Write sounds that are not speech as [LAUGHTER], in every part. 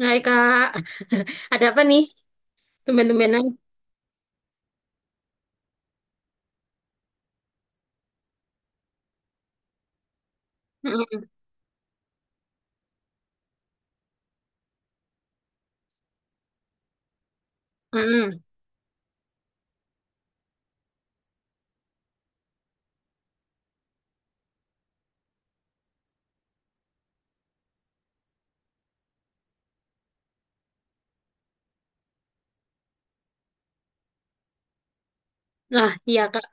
Hai Kak, [LAUGHS] ada apa nih? Tumben-tumbenan. Mm-mm, mm-mm. Nah, iya Kak.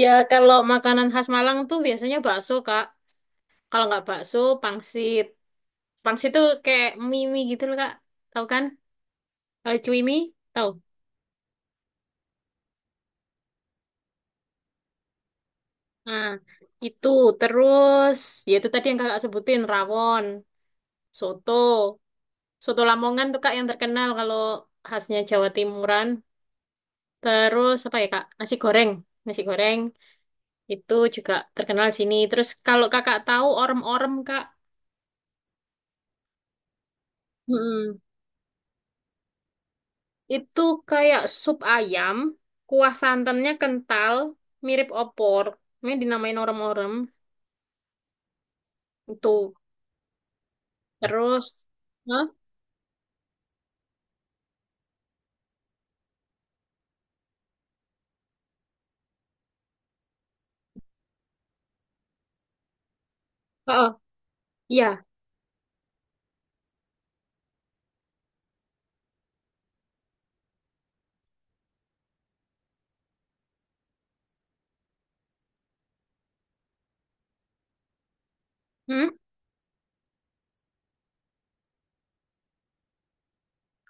Ya kalau makanan khas Malang tuh biasanya bakso Kak. Kalau nggak bakso, pangsit. Pangsit tuh kayak mie-mie gitu loh Kak. Tahu kan? Cuimi, tahu? Nah, itu terus ya itu tadi yang Kakak sebutin rawon, soto. Soto Lamongan tuh Kak yang terkenal kalau khasnya Jawa Timuran. Terus apa ya Kak? Nasi goreng. Nasi goreng. Itu juga terkenal sini. Terus kalau kakak tahu orem-orem kak, Mm-mm. itu kayak sup ayam, kuah santannya kental, mirip opor. Ini dinamain orem-orem. Itu terus, hah? Oh, iya. Hmm?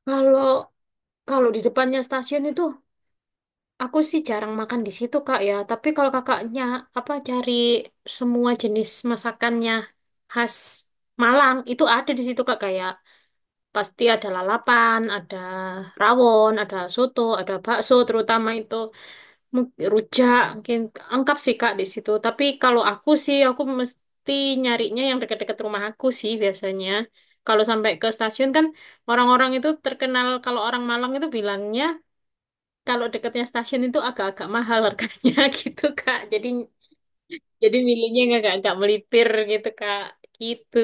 Kalau kalau di depannya stasiun itu, aku sih jarang makan di situ kak ya. Tapi kalau kakaknya apa cari semua jenis masakannya khas Malang itu ada di situ kak kayak pasti ada lalapan, ada rawon, ada soto, ada bakso terutama itu rujak mungkin lengkap sih Kak di situ. Tapi kalau aku sih aku mesti nyarinya yang dekat-dekat rumah aku sih biasanya. Kalau sampai ke stasiun kan orang-orang itu terkenal kalau orang Malang itu bilangnya kalau dekatnya stasiun itu agak-agak mahal harganya [LAUGHS] gitu Kak. Jadi milihnya yang agak-agak melipir gitu Kak. Gitu.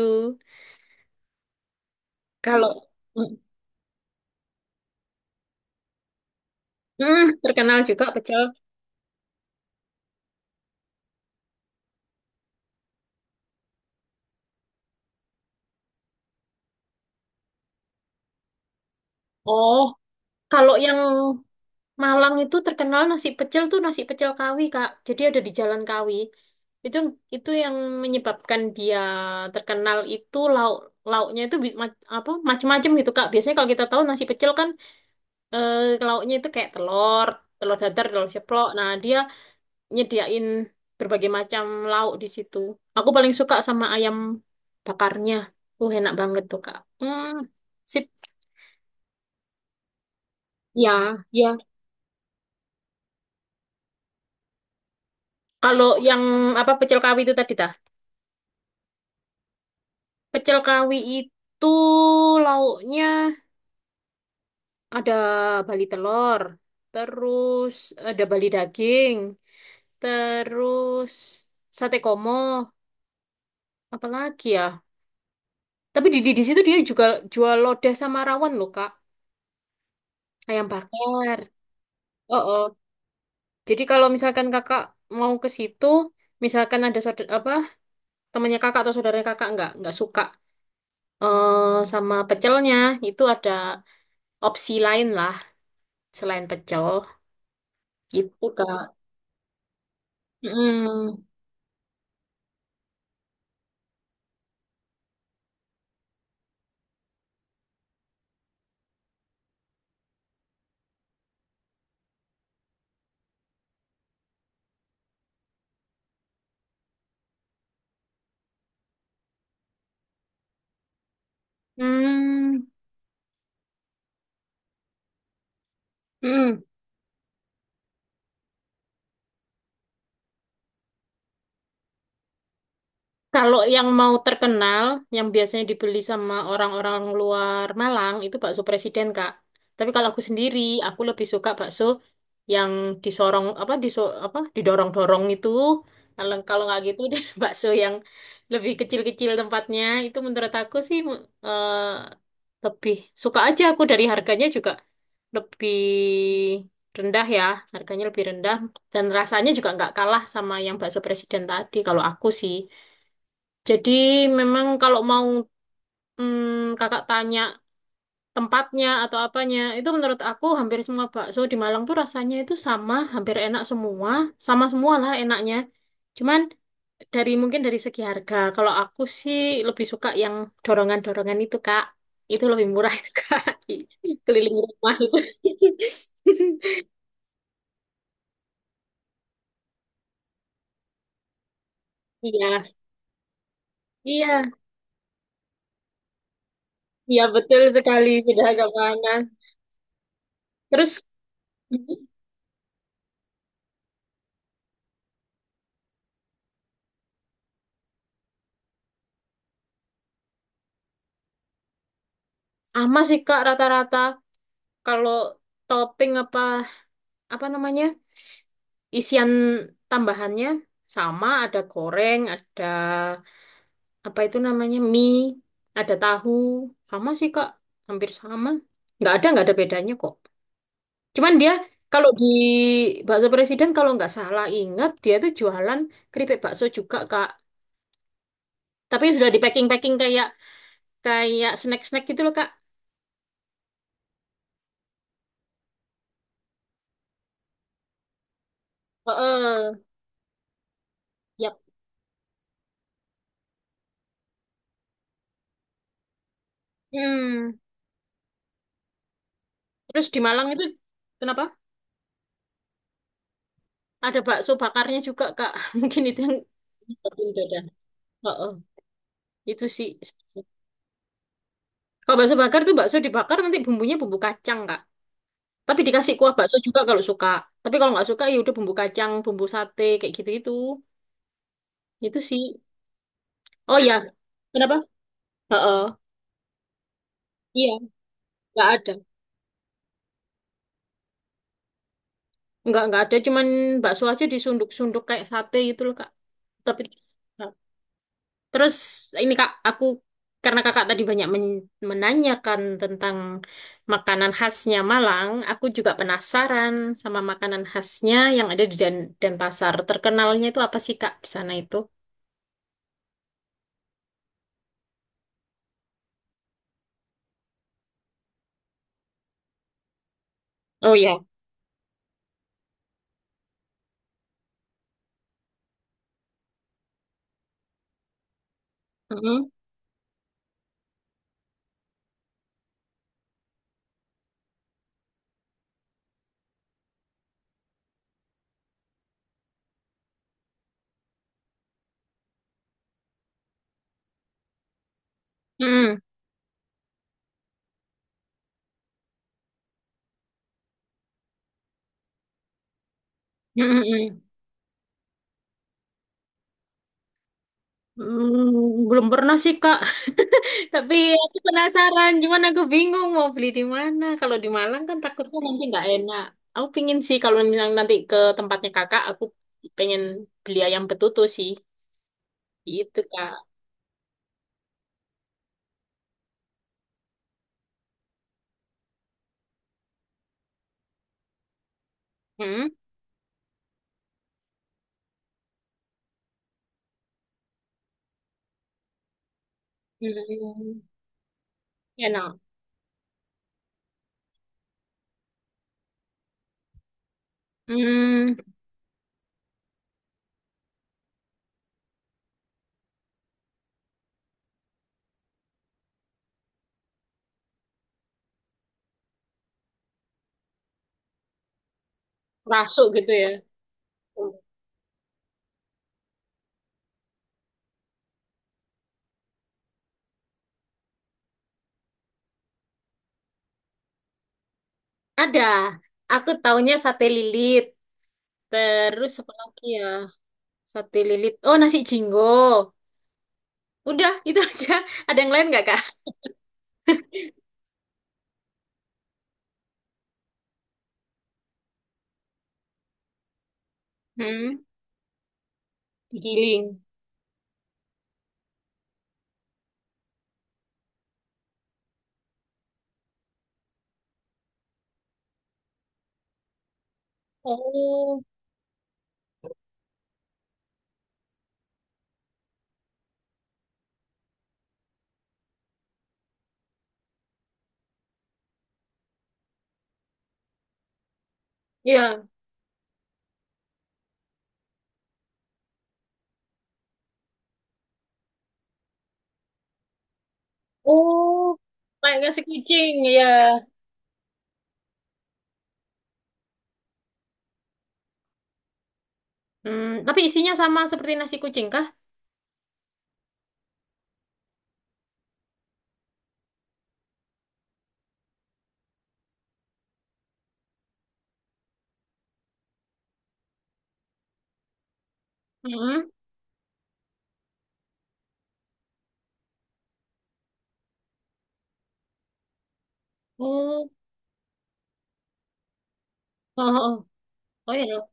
Kalau mm, mm, terkenal juga pecel. Oh, kalau yang Malang itu terkenal nasi pecel tuh nasi pecel Kawi, Kak. Jadi ada di Jalan Kawi. Itu itu yang menyebabkan dia terkenal itu lauknya itu apa macam-macam gitu, Kak. Biasanya kalau kita tahu nasi pecel kan eh, lauknya itu kayak telur, telur dadar, telur ceplok. Nah, dia nyediain berbagai macam lauk di situ. Aku paling suka sama ayam bakarnya. Enak banget tuh, Kak. Hmm, sip. Ya, ya. Kalau yang apa pecel Kawi itu tadi, Ta? Pecel kawi itu lauknya ada bali telur, terus ada bali daging, terus sate komo, apalagi ya. Tapi di situ dia juga jual lodeh sama rawon loh, Kak. Ayam bakar. Oh, oh. Jadi kalau misalkan kakak mau ke situ, misalkan ada saudara, apa temannya kakak atau saudaranya kakak nggak suka eh sama pecelnya, itu ada opsi lain lah selain pecel. Gitu, Kak. Mm-mm. Mm. Mm. Kalau yang mau terkenal, yang biasanya dibeli sama orang-orang luar Malang, itu bakso presiden, Kak. Tapi kalau aku sendiri, aku lebih suka bakso yang disorong, apa, diso, apa, didorong-dorong itu. Kalau kalau nggak gitu, [LAUGHS] deh, bakso yang lebih kecil-kecil tempatnya, itu menurut aku sih eh, lebih suka aja aku dari harganya juga lebih rendah ya harganya lebih rendah dan rasanya juga nggak kalah sama yang bakso presiden tadi kalau aku sih jadi memang kalau mau kakak tanya tempatnya atau apanya itu menurut aku hampir semua bakso di Malang tuh rasanya itu sama hampir enak semua sama semua lah enaknya cuman dari mungkin dari segi harga kalau aku sih lebih suka yang dorongan-dorongan itu kak itu lebih murah itu kak [LAUGHS] keliling rumah itu [LAUGHS] iya iya iya betul sekali sudah agak panas terus sama sih kak rata-rata kalau topping apa apa namanya isian tambahannya sama, ada goreng, ada apa itu namanya, mie, ada tahu. Sama sih, Kak. Hampir sama. Nggak ada bedanya kok. Cuman dia, kalau di Bakso Presiden, kalau nggak salah ingat, dia tuh jualan keripik bakso juga, Kak. Tapi sudah di packing-packing kayak kayak snack-snack gitu loh, Kak. Heeh. Yap. Hmm. Terus di Malang itu, kenapa? Ada bakso bakarnya juga, Kak. [LAUGHS] Mungkin itu yang nyebutin beda. Heeh. Itu sih. Kalau bakso bakar tuh bakso dibakar nanti bumbunya bumbu kacang, Kak. Tapi dikasih kuah bakso juga kalau suka. Tapi kalau nggak suka ya udah bumbu kacang, bumbu sate kayak gitu-gitu. Itu sih. Oh ya. Kenapa? Heeh. Iya, nggak ada. Nggak ada cuman bakso aja disunduk-sunduk kayak sate gitu loh, Kak. Tapi terus ini Kak, aku karena Kakak tadi banyak menanyakan tentang makanan khasnya Malang, aku juga penasaran sama makanan khasnya yang ada di Denpasar. Terkenalnya itu apa sih Kak di sana itu? Oh iya. Mm-mm. Mm-mm. Mm-mm. Mm, belum pernah sih Kak, [LAUGHS] tapi aku penasaran. Cuman aku bingung mau beli di mana. Kalau di Malang kan takutnya nanti nggak enak. Aku pingin sih kalau misalnya nanti ke tempatnya Kakak, aku pengen beli ayam betutu sih. Gitu, Kak. Hmm? Hmm. Enak. Hmm. Rasuk gitu ya. Ada. Aku taunya sate lilit. Terus apa lagi ya? Sate lilit. Oh, nasi jinggo. Udah, [LAUGHS] itu aja. Ada yang lain nggak, Kak? Hmm. Digiling. Oh, iya. Oh, kayak nasi kucing, ya. Hmm, tapi isinya sama seperti nasi kucing, kah? Hmm. Oh, oh, oh, oh, ya.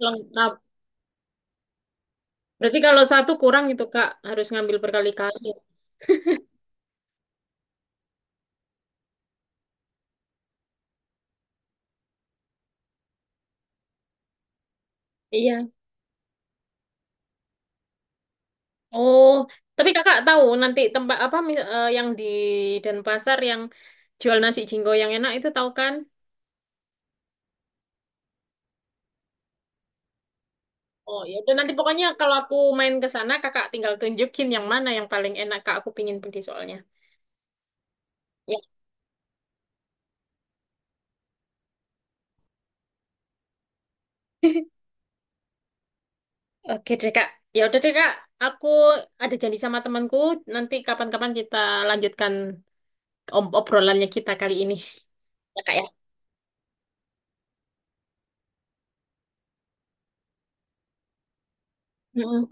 Lengkap. Berarti kalau satu kurang itu Kak, harus ngambil berkali-kali. Iya. Oh, tapi Kakak tahu nanti tempat apa yang di Denpasar yang jual nasi jinggo yang enak itu tahu kan? Oh, ya dan nanti pokoknya kalau aku main ke sana Kakak tinggal tunjukin yang mana yang paling enak Kak, aku pingin pergi soalnya. Ya, oke deh Kak. Ya udah deh Kak, aku ada janji sama temanku, nanti kapan-kapan kita lanjutkan obrolannya kita kali ini. Ya Kak ya. Mm-mm.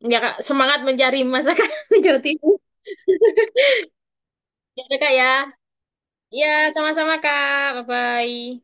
Ya Kak, semangat mencari masakan [LAUGHS] Jawa Timur. Ya, deh, Kak ya. Iya, sama-sama Kak. Bye-bye.